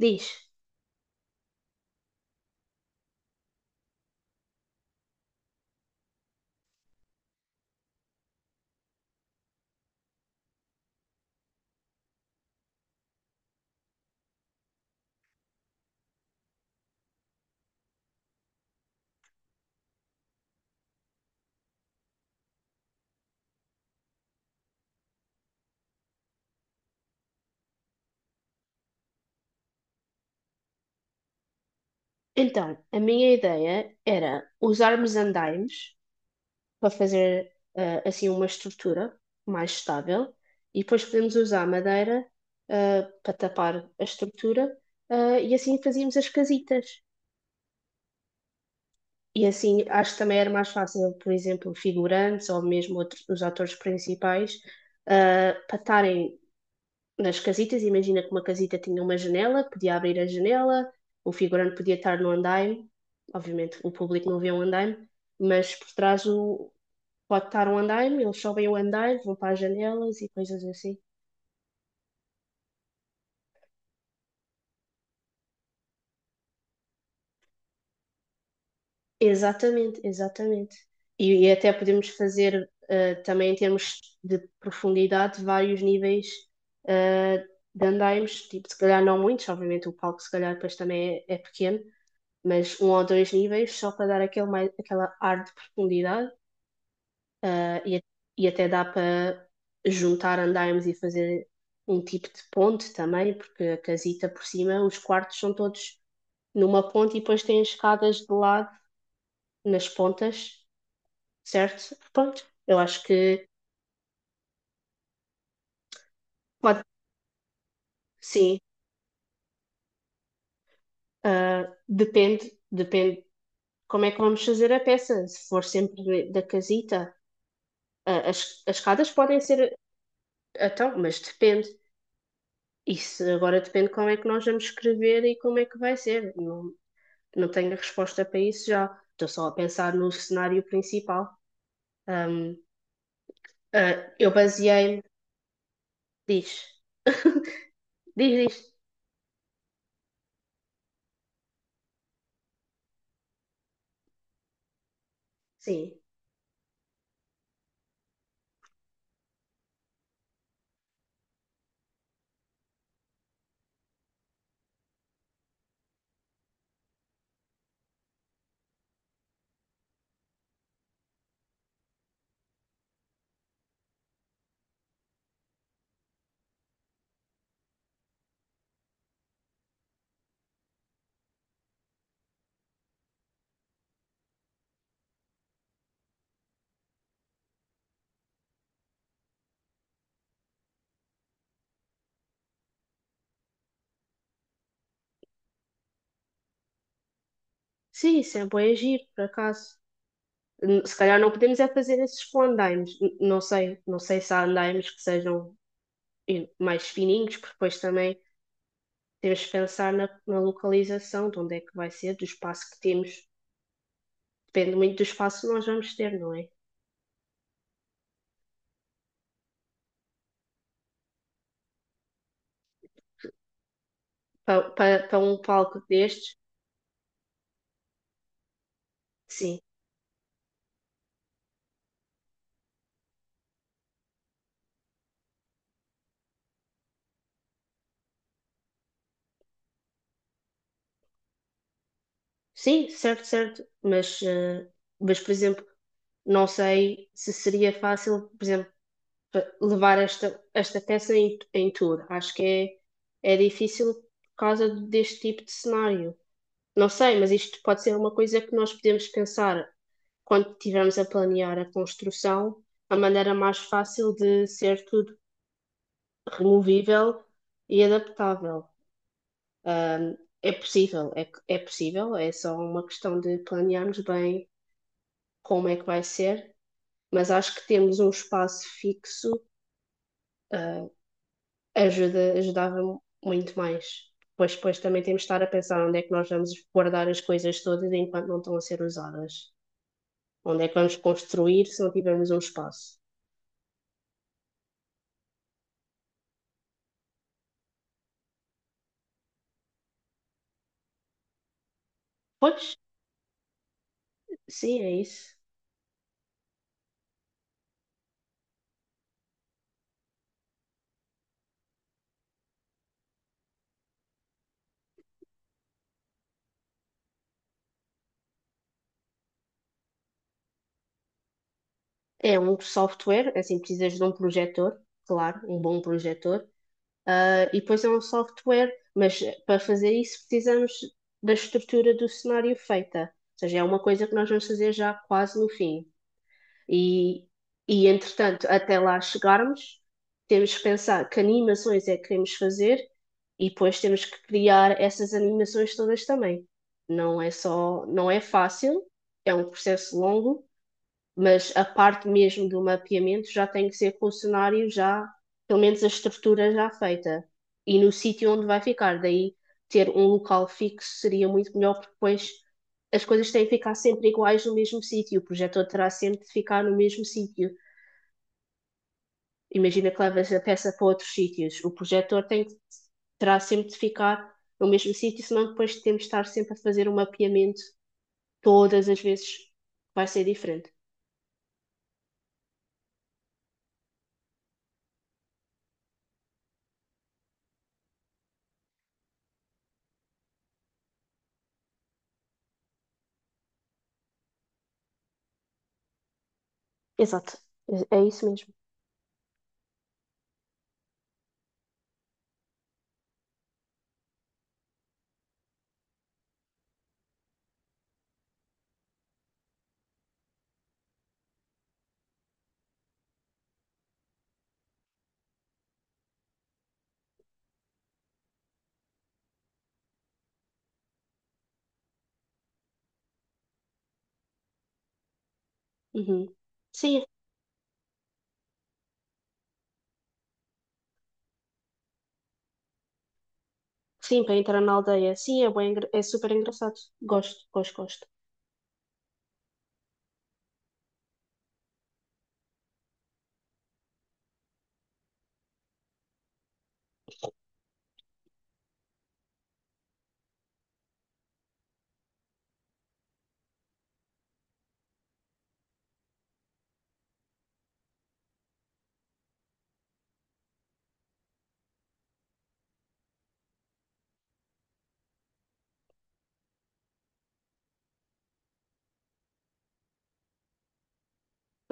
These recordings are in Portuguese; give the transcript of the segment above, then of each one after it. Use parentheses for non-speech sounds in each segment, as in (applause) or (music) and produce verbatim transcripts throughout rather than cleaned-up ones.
Diz. Então, a minha ideia era usarmos andaimes para fazer ah, assim uma estrutura mais estável e depois podemos usar madeira ah, para tapar a estrutura ah, e assim fazíamos as casitas. E assim acho que também era mais fácil, por exemplo, figurantes ou mesmo outros, os atores principais ah, para estarem nas casitas. Imagina que uma casita tinha uma janela, podia abrir a janela, um figurante podia estar no andaime. Obviamente o público não vê um andaime, mas por trás o- pode estar um andaime, eles sobem o andaime, vão para as janelas e coisas assim. Exatamente, exatamente. E, e até podemos fazer eh, também em termos de profundidade vários níveis eh, de andaimes, tipo, se calhar não muitos. Obviamente o palco se calhar depois também é é pequeno, mas um ou dois níveis só para dar aquele mais, aquela ar de profundidade ah, e, e até dá para juntar andaimes e fazer um tipo de ponte também, porque a casita por cima, os quartos são todos numa ponte e depois têm escadas de lado nas pontas, certo? Pronto, eu acho que pode, sim. Ah, depende, depende como é que vamos fazer a peça, se for sempre da casita. Ah, as, as escadas podem ser, então, mas depende. Isso agora depende como é que nós vamos escrever e como é que vai ser. Não, não tenho a resposta para isso já. Estou só a pensar no cenário principal. Ahm, ah, eu baseei-me. Diz. (laughs) Diz, diz. Sim. Sim, sempre é bué giro, por acaso. N- Se calhar não podemos é fazer esses com andaimes. N- Não sei. Não sei se há andaimes que sejam eh, mais fininhos, porque depois também temos que pensar na, na localização, de onde é que vai ser, do espaço que temos. Depende muito do espaço que nós vamos ter, não é? Para, para, para um palco destes, sim, sim, certo, certo, mas, eh, mas por exemplo, não sei se seria fácil, por exemplo, pa- levar esta, esta peça em, em tour. Acho que é, é difícil por causa deste tipo de cenário. Não sei, mas isto pode ser uma coisa que nós podemos pensar quando estivermos a planear a construção, a maneira mais fácil de ser tudo removível e adaptável. É possível, é, é possível, é só uma questão de planearmos bem como é que vai ser, mas acho que termos um espaço fixo, ah, ajuda, ajudava muito mais. Pois, depois também temos de estar a pensar onde é que nós vamos guardar as coisas todas enquanto não estão a ser usadas. Onde é que vamos construir se não tivermos um espaço? Pois, sim, é isso. É um software, assim precisas de um projetor, claro, um bom projetor. Ah, e depois é um software, mas para fazer isso precisamos da estrutura do cenário feita. Ou seja, é uma coisa que nós vamos fazer já quase no fim. E, e entretanto, até lá chegarmos, temos que pensar que animações é que queremos fazer e depois temos que criar essas animações todas também. Não é só, não é fácil, é um processo longo, mas a parte mesmo do mapeamento já tem que ser com o cenário já, pelo menos a estrutura já feita e no sítio onde vai ficar. Daí ter um local fixo seria muito melhor, porque depois as coisas têm que ficar sempre iguais no mesmo sítio, o projetor terá sempre de ficar no mesmo sítio. Imagina que levas a peça para outros sítios, o projetor tem que, terá sempre de ficar no mesmo sítio, senão depois temos de estar sempre a fazer um mapeamento. Todas as vezes vai ser diferente. Exato. É é isso mesmo. Uhum. Sim, sim, para entrar na aldeia. Sim, é bem, engra- é super engraçado. Gosto, gosto, gosto.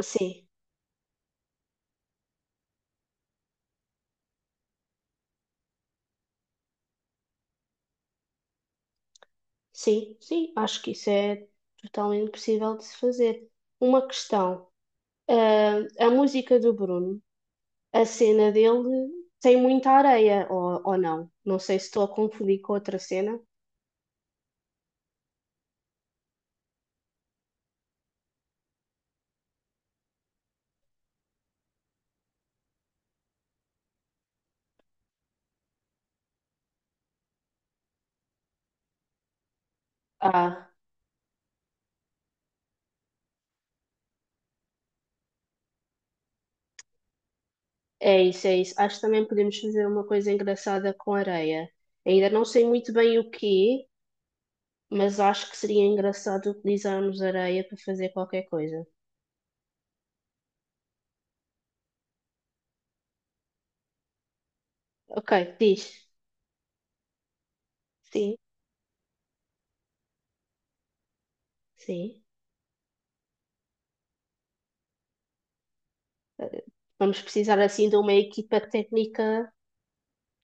Sim, sim, sim. Acho que isso é totalmente possível de se fazer. Uma questão. Ah, a música do Bruno. A cena dele tem muita areia, ou, ou não. Não sei se estou a confundir com outra cena. Ah, é isso, é isso. Acho que também podemos fazer uma coisa engraçada com areia. Ainda não sei muito bem o que é, mas acho que seria engraçado utilizarmos areia para fazer qualquer coisa. Ok, diz. Sim, sim. Vamos precisar assim de uma equipa técnica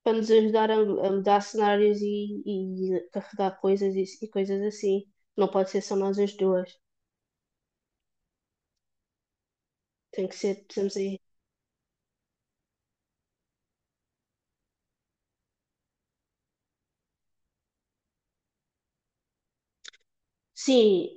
para nos ajudar a, a mudar cenários e, e carregar coisas e, e coisas assim. Não pode ser só nós as duas. Tem que ser, precisamos aí. Sim,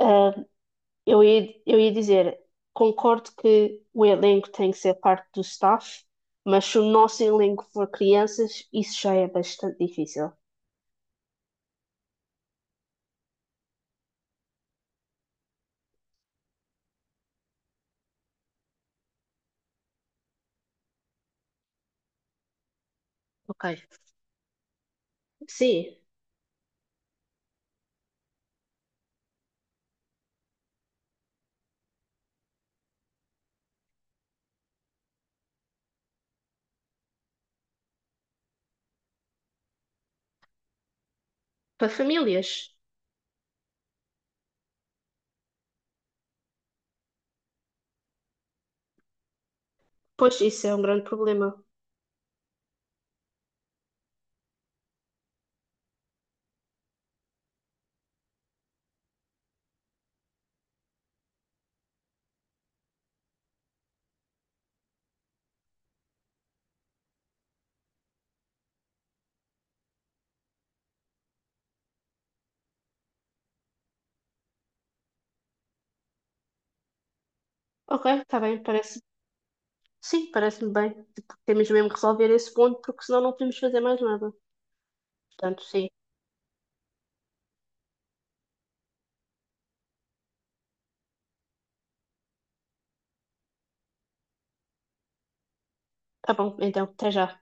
ah, eu ia, eu ia dizer, concordo que o elenco tem que ser parte do staff, mas se o nosso elenco for crianças, isso já é bastante difícil. Ok. Sim, para famílias. Pois isso é um grande problema. Ok, está bem, parece. Sim, parece-me bem. Tipo, temos mesmo que resolver esse ponto, porque senão não podemos fazer mais nada. Portanto, sim. Tá bom, então, até já.